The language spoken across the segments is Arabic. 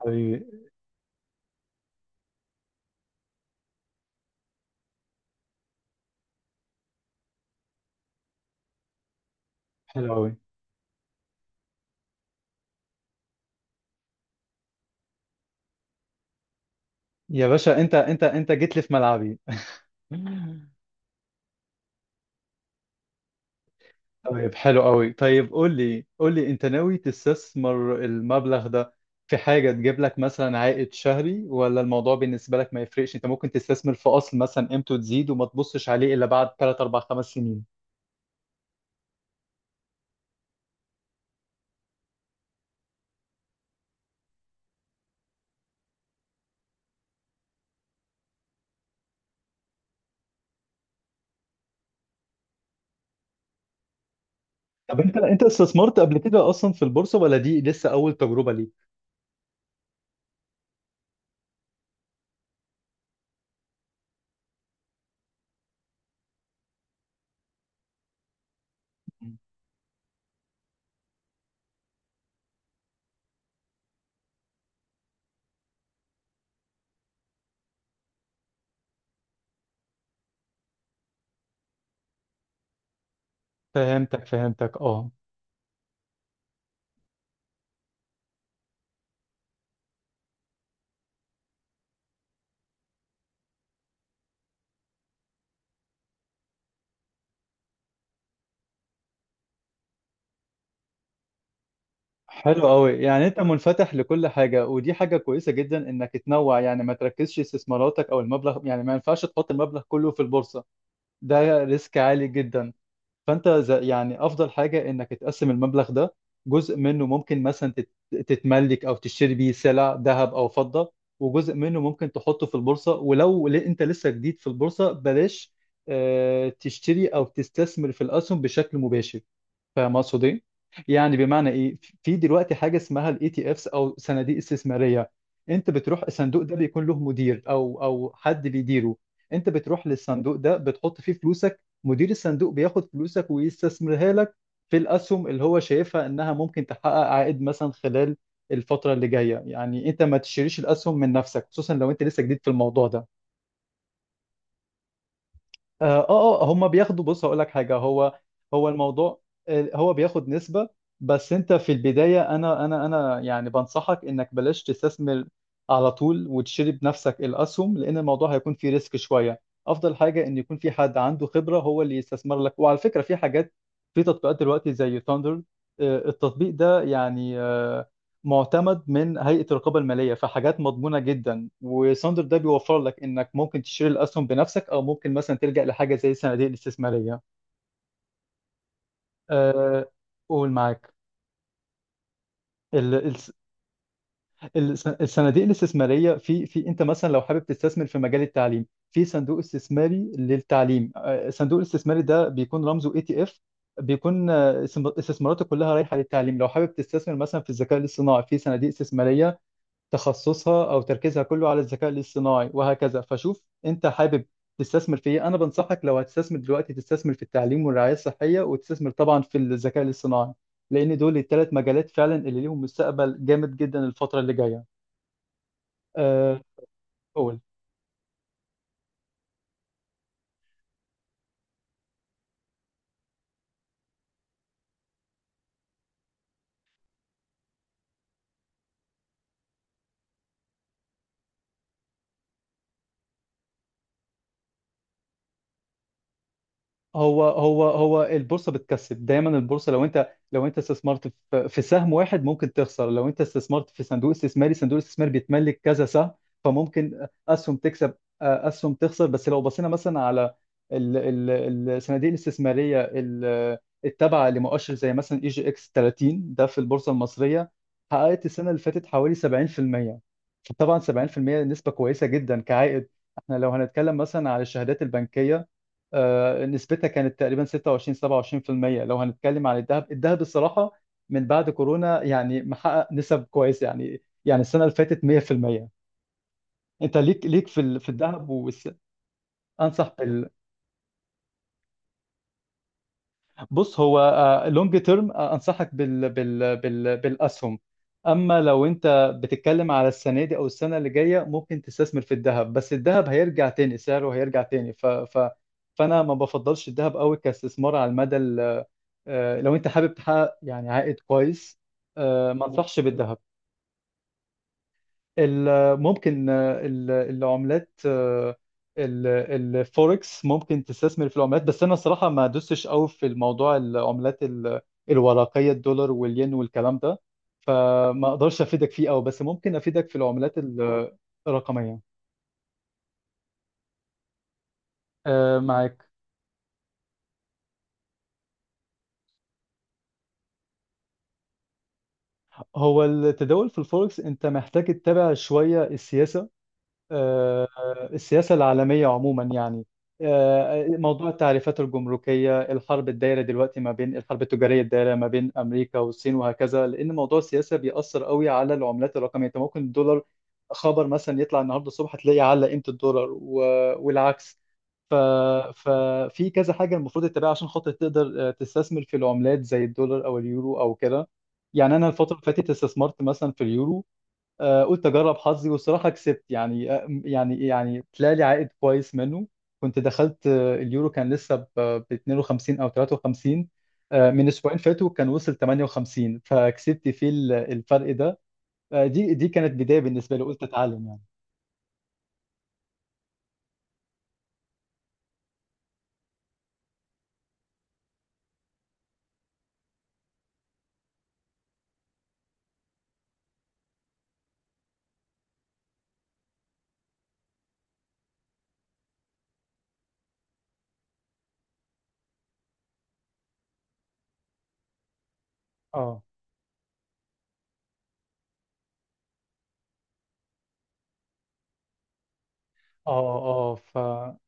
حبيبي. حلو قوي. يا باشا، انت جيت لي في ملعبي. طيب، حلو قوي. طيب، قول لي قول لي، انت ناوي تستثمر المبلغ ده في حاجة تجيب لك مثلا عائد شهري، ولا الموضوع بالنسبة لك ما يفرقش؟ انت ممكن تستثمر في اصل مثلا قيمته تزيد وما تبصش عليه الا بعد 3 4 5 سنين. طب انت استثمرت قبل كده اصلا في البورصة، ولا دي لسه اول تجربة ليك؟ فهمتك فهمتك. اه، حلو قوي. يعني انت منفتح لكل حاجه، ودي حاجه كويسه جدا انك تنوع، يعني ما تركزش استثماراتك او المبلغ. يعني ما ينفعش تحط المبلغ كله في البورصه، ده ريسك عالي جدا. فانت يعني افضل حاجه انك تقسم المبلغ ده. جزء منه ممكن مثلا تتملك او تشتري بيه سلع، ذهب او فضه. وجزء منه ممكن تحطه في البورصه. ولو انت لسه جديد في البورصه، بلاش تشتري او تستثمر في الاسهم بشكل مباشر. فاهم اقصد ايه؟ يعني بمعنى ايه؟ في دلوقتي حاجه اسمها الاي تي افس او صناديق استثماريه. انت بتروح الصندوق ده، بيكون له مدير او حد بيديره. انت بتروح للصندوق ده بتحط فيه فلوسك، مدير الصندوق بياخد فلوسك ويستثمرها لك في الاسهم اللي هو شايفها انها ممكن تحقق عائد مثلا خلال الفتره اللي جايه. يعني انت ما تشتريش الاسهم من نفسك، خصوصا لو انت لسه جديد في الموضوع ده. اه اه، هم بياخدوا. بص هقول لك حاجه. هو الموضوع، هو بياخد نسبه. بس انت في البدايه، انا يعني بنصحك انك بلاش تستثمر على طول وتشتري بنفسك الاسهم، لان الموضوع هيكون فيه ريسك شويه. افضل حاجه ان يكون في حد عنده خبره هو اللي يستثمر لك. وعلى فكره، في حاجات، في تطبيقات دلوقتي زي ثاندر. التطبيق ده يعني معتمد من هيئة الرقابة المالية، فحاجات مضمونة جدا. وساندر ده بيوفر لك انك ممكن تشتري الاسهم بنفسك، او ممكن مثلا تلجأ لحاجة زي الصناديق الاستثمارية. أه، قول معاك. ال- الس- الصناديق الاستثمارية، في انت مثلا لو حابب تستثمر في مجال التعليم، في صندوق استثماري للتعليم. الصندوق الاستثماري ده بيكون رمزه اي تي اف. بيكون استثماراته كلها رايحة للتعليم. لو حابب تستثمر مثلا في الذكاء الاصطناعي، في صناديق استثمارية تخصصها او تركيزها كله على الذكاء الاصطناعي وهكذا. فشوف انت حابب تستثمر في ايه. انا بنصحك لو هتستثمر دلوقتي، تستثمر في التعليم والرعايه الصحيه، وتستثمر طبعا في الذكاء الاصطناعي، لان دول الثلاث مجالات فعلا اللي ليهم مستقبل جامد جدا الفتره اللي جايه. أه، قول. هو البورصه بتكسب دايما. البورصه، لو انت لو انت استثمرت في في سهم واحد ممكن تخسر. لو انت استثمرت في صندوق استثماري، صندوق الاستثمار بيتملك كذا سهم، فممكن اسهم تكسب اسهم تخسر. بس لو بصينا مثلا على ال- الصناديق الاستثماريه التابعه لمؤشر زي مثلا اي جي اكس 30 ده في البورصه المصريه، حققت السنه اللي فاتت حوالي 70%. طبعا 70% نسبه كويسه جدا كعائد. احنا لو هنتكلم مثلا على الشهادات البنكيه، نسبتها كانت تقريبا 26 27%. لو هنتكلم عن الذهب، الذهب الصراحة من بعد كورونا يعني محقق نسب كويسة، يعني يعني السنة اللي فاتت 100%. انت ليك في في الذهب انصح بص هو، لونج تيرم انصحك بالاسهم. اما لو انت بتتكلم على السنة دي او السنة اللي جاية، ممكن تستثمر في الذهب. بس الذهب هيرجع تاني، سعره هيرجع تاني. فانا ما بفضلش الذهب قوي كاستثمار على المدى. لو انت حابب تحقق يعني عائد كويس، ما انصحش بالذهب. ممكن العملات، ال- الفوركس. ممكن تستثمر في العملات. بس انا الصراحه ما دوستش قوي في الموضوع. العملات الورقيه، الدولار والين والكلام ده، فما اقدرش افيدك فيه قوي. بس ممكن افيدك في العملات الرقميه. معاك. هو التداول في الفوركس انت محتاج تتابع شويه السياسه، آه، السياسة العالمية عموما يعني. موضوع التعريفات الجمركية، الحرب الدايرة دلوقتي ما بين، الحرب التجارية الدايرة ما بين أمريكا والصين، وهكذا. لأن موضوع السياسة بيأثر قوي على العملات الرقمية. أنت ممكن الدولار خبر مثلا يطلع النهاردة الصبح تلاقي على قيمة الدولار، والعكس. ف... ففي كذا حاجة المفروض تتبعها عشان خاطر تقدر تستثمر في العملات زي الدولار أو اليورو أو كده. يعني أنا الفترة اللي فاتت استثمرت مثلا في اليورو. قلت اجرب حظي. والصراحه كسبت، يعني يعني يعني طلع لي عائد كويس منه. كنت دخلت اليورو كان لسه ب 52 او 53. من اسبوعين فاتوا كان وصل 58، فكسبت فيه الفرق ده. دي كانت بدايه بالنسبه لي، قلت اتعلم يعني. اه اه اه،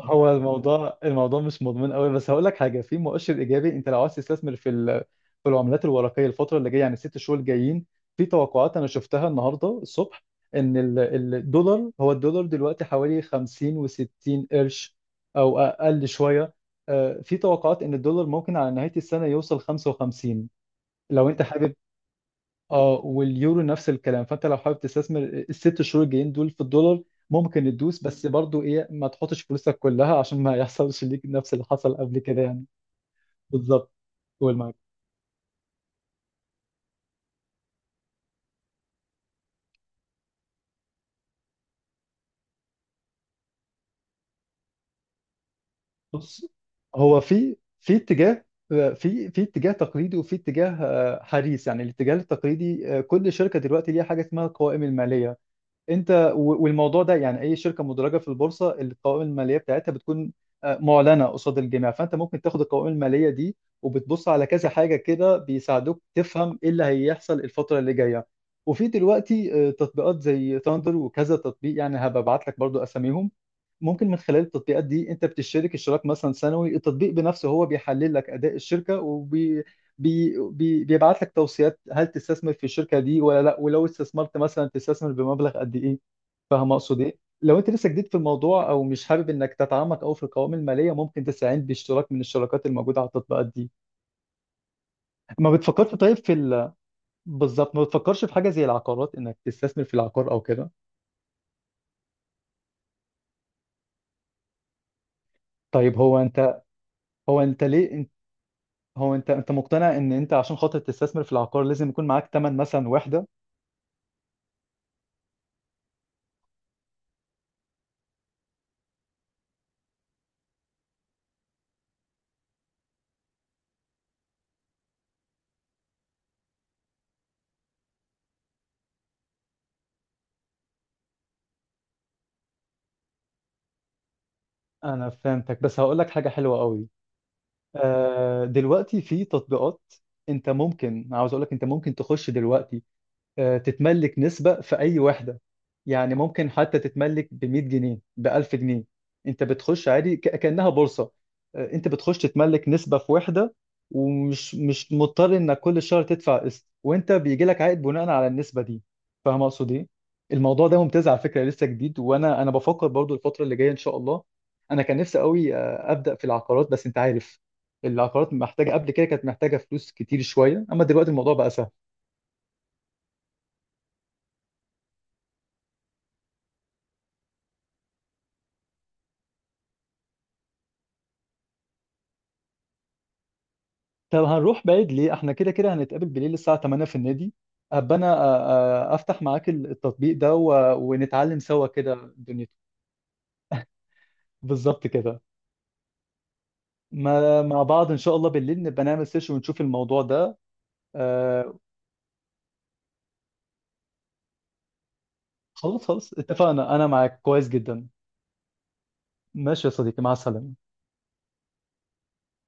هو الموضوع، الموضوع مش مضمون قوي. بس هقول لك حاجه، في مؤشر ايجابي. انت لو عايز تستثمر في في العملات الورقيه الفتره اللي جايه، يعني ال 6 شهور الجايين، في توقعات انا شفتها النهارده الصبح ان الدولار، هو الدولار دلوقتي حوالي 50 و60 قرش او اقل شويه. في توقعات ان الدولار ممكن على نهايه السنه يوصل 55. لو انت حابب. اه، واليورو نفس الكلام. فانت لو حابب تستثمر ال 6 شهور الجايين دول في الدولار ممكن تدوس. بس برضو ايه، ما تحطش فلوسك كلها عشان ما يحصلش ليك نفس اللي حصل قبل كده يعني. بالظبط. قول معاك. بص هو، في في اتجاه، في اتجاه تقليدي، وفي اتجاه حديث يعني. الاتجاه التقليدي، كل شركه دلوقتي ليها حاجه اسمها القوائم الماليه. انت والموضوع ده يعني، اي شركه مدرجه في البورصه القوائم الماليه بتاعتها بتكون معلنه قصاد الجميع. فانت ممكن تاخد القوائم الماليه دي وبتبص على كذا حاجه كده بيساعدوك تفهم ايه اللي هيحصل الفتره اللي جايه. وفي دلوقتي تطبيقات زي ثاندر وكذا تطبيق يعني، هبعت لك برضو اساميهم. ممكن من خلال التطبيقات دي انت بتشترك اشتراك مثلا سنوي، التطبيق بنفسه هو بيحلل لك اداء الشركه، بي بي بيبعت لك توصيات هل تستثمر في الشركه دي ولا لا، ولو استثمرت مثلا تستثمر بمبلغ قد ايه. فاهم اقصد ايه؟ لو انت لسه جديد في الموضوع، او مش حابب انك تتعمق او في القوائم الماليه، ممكن تستعين باشتراك من الشراكات الموجوده على التطبيقات دي. ما بتفكرش طيب في بالظبط. ما بتفكرش في حاجه زي العقارات انك تستثمر في العقار او كده؟ طيب، هو انت ليه انت هو انت مقتنع ان انت عشان خاطر تستثمر في العقار لازم يكون معاك ثمن مثلا وحده؟ انا فهمتك. بس هقول لك حاجه حلوه قوي. دلوقتي في تطبيقات، انت ممكن عاوز اقول لك، انت ممكن تخش دلوقتي تتملك نسبة في أي وحدة. يعني ممكن حتى تتملك ب 100 جنيه، ب 1000 جنيه. أنت بتخش عادي كأنها بورصة. أنت بتخش تتملك نسبة في وحدة، ومش مش مضطر إنك كل شهر تدفع قسط، وأنت بيجي لك عائد بناء على النسبة دي. فاهم أقصد إيه؟ الموضوع ده ممتاز على فكرة، لسه جديد. وأنا بفكر برضو الفترة اللي جاية إن شاء الله. أنا كان نفسي قوي أبدأ في العقارات. بس أنت عارف، العقارات محتاجة، قبل كده كانت محتاجة فلوس كتير شوية، أما دلوقتي الموضوع بقى سهل. طب هنروح بعيد ليه؟ احنا كده كده هنتقابل بالليل الساعة 8 في النادي. ابقى انا افتح معاك التطبيق ده، ونتعلم سوا كده دنيته. بالظبط كده. ما... مع بعض ان شاء الله بالليل نبقى نعمل سيشن ونشوف الموضوع ده. آه... خلاص خلاص، اتفقنا. انا معاك كويس جدا. ماشي يا صديقي، مع السلامة.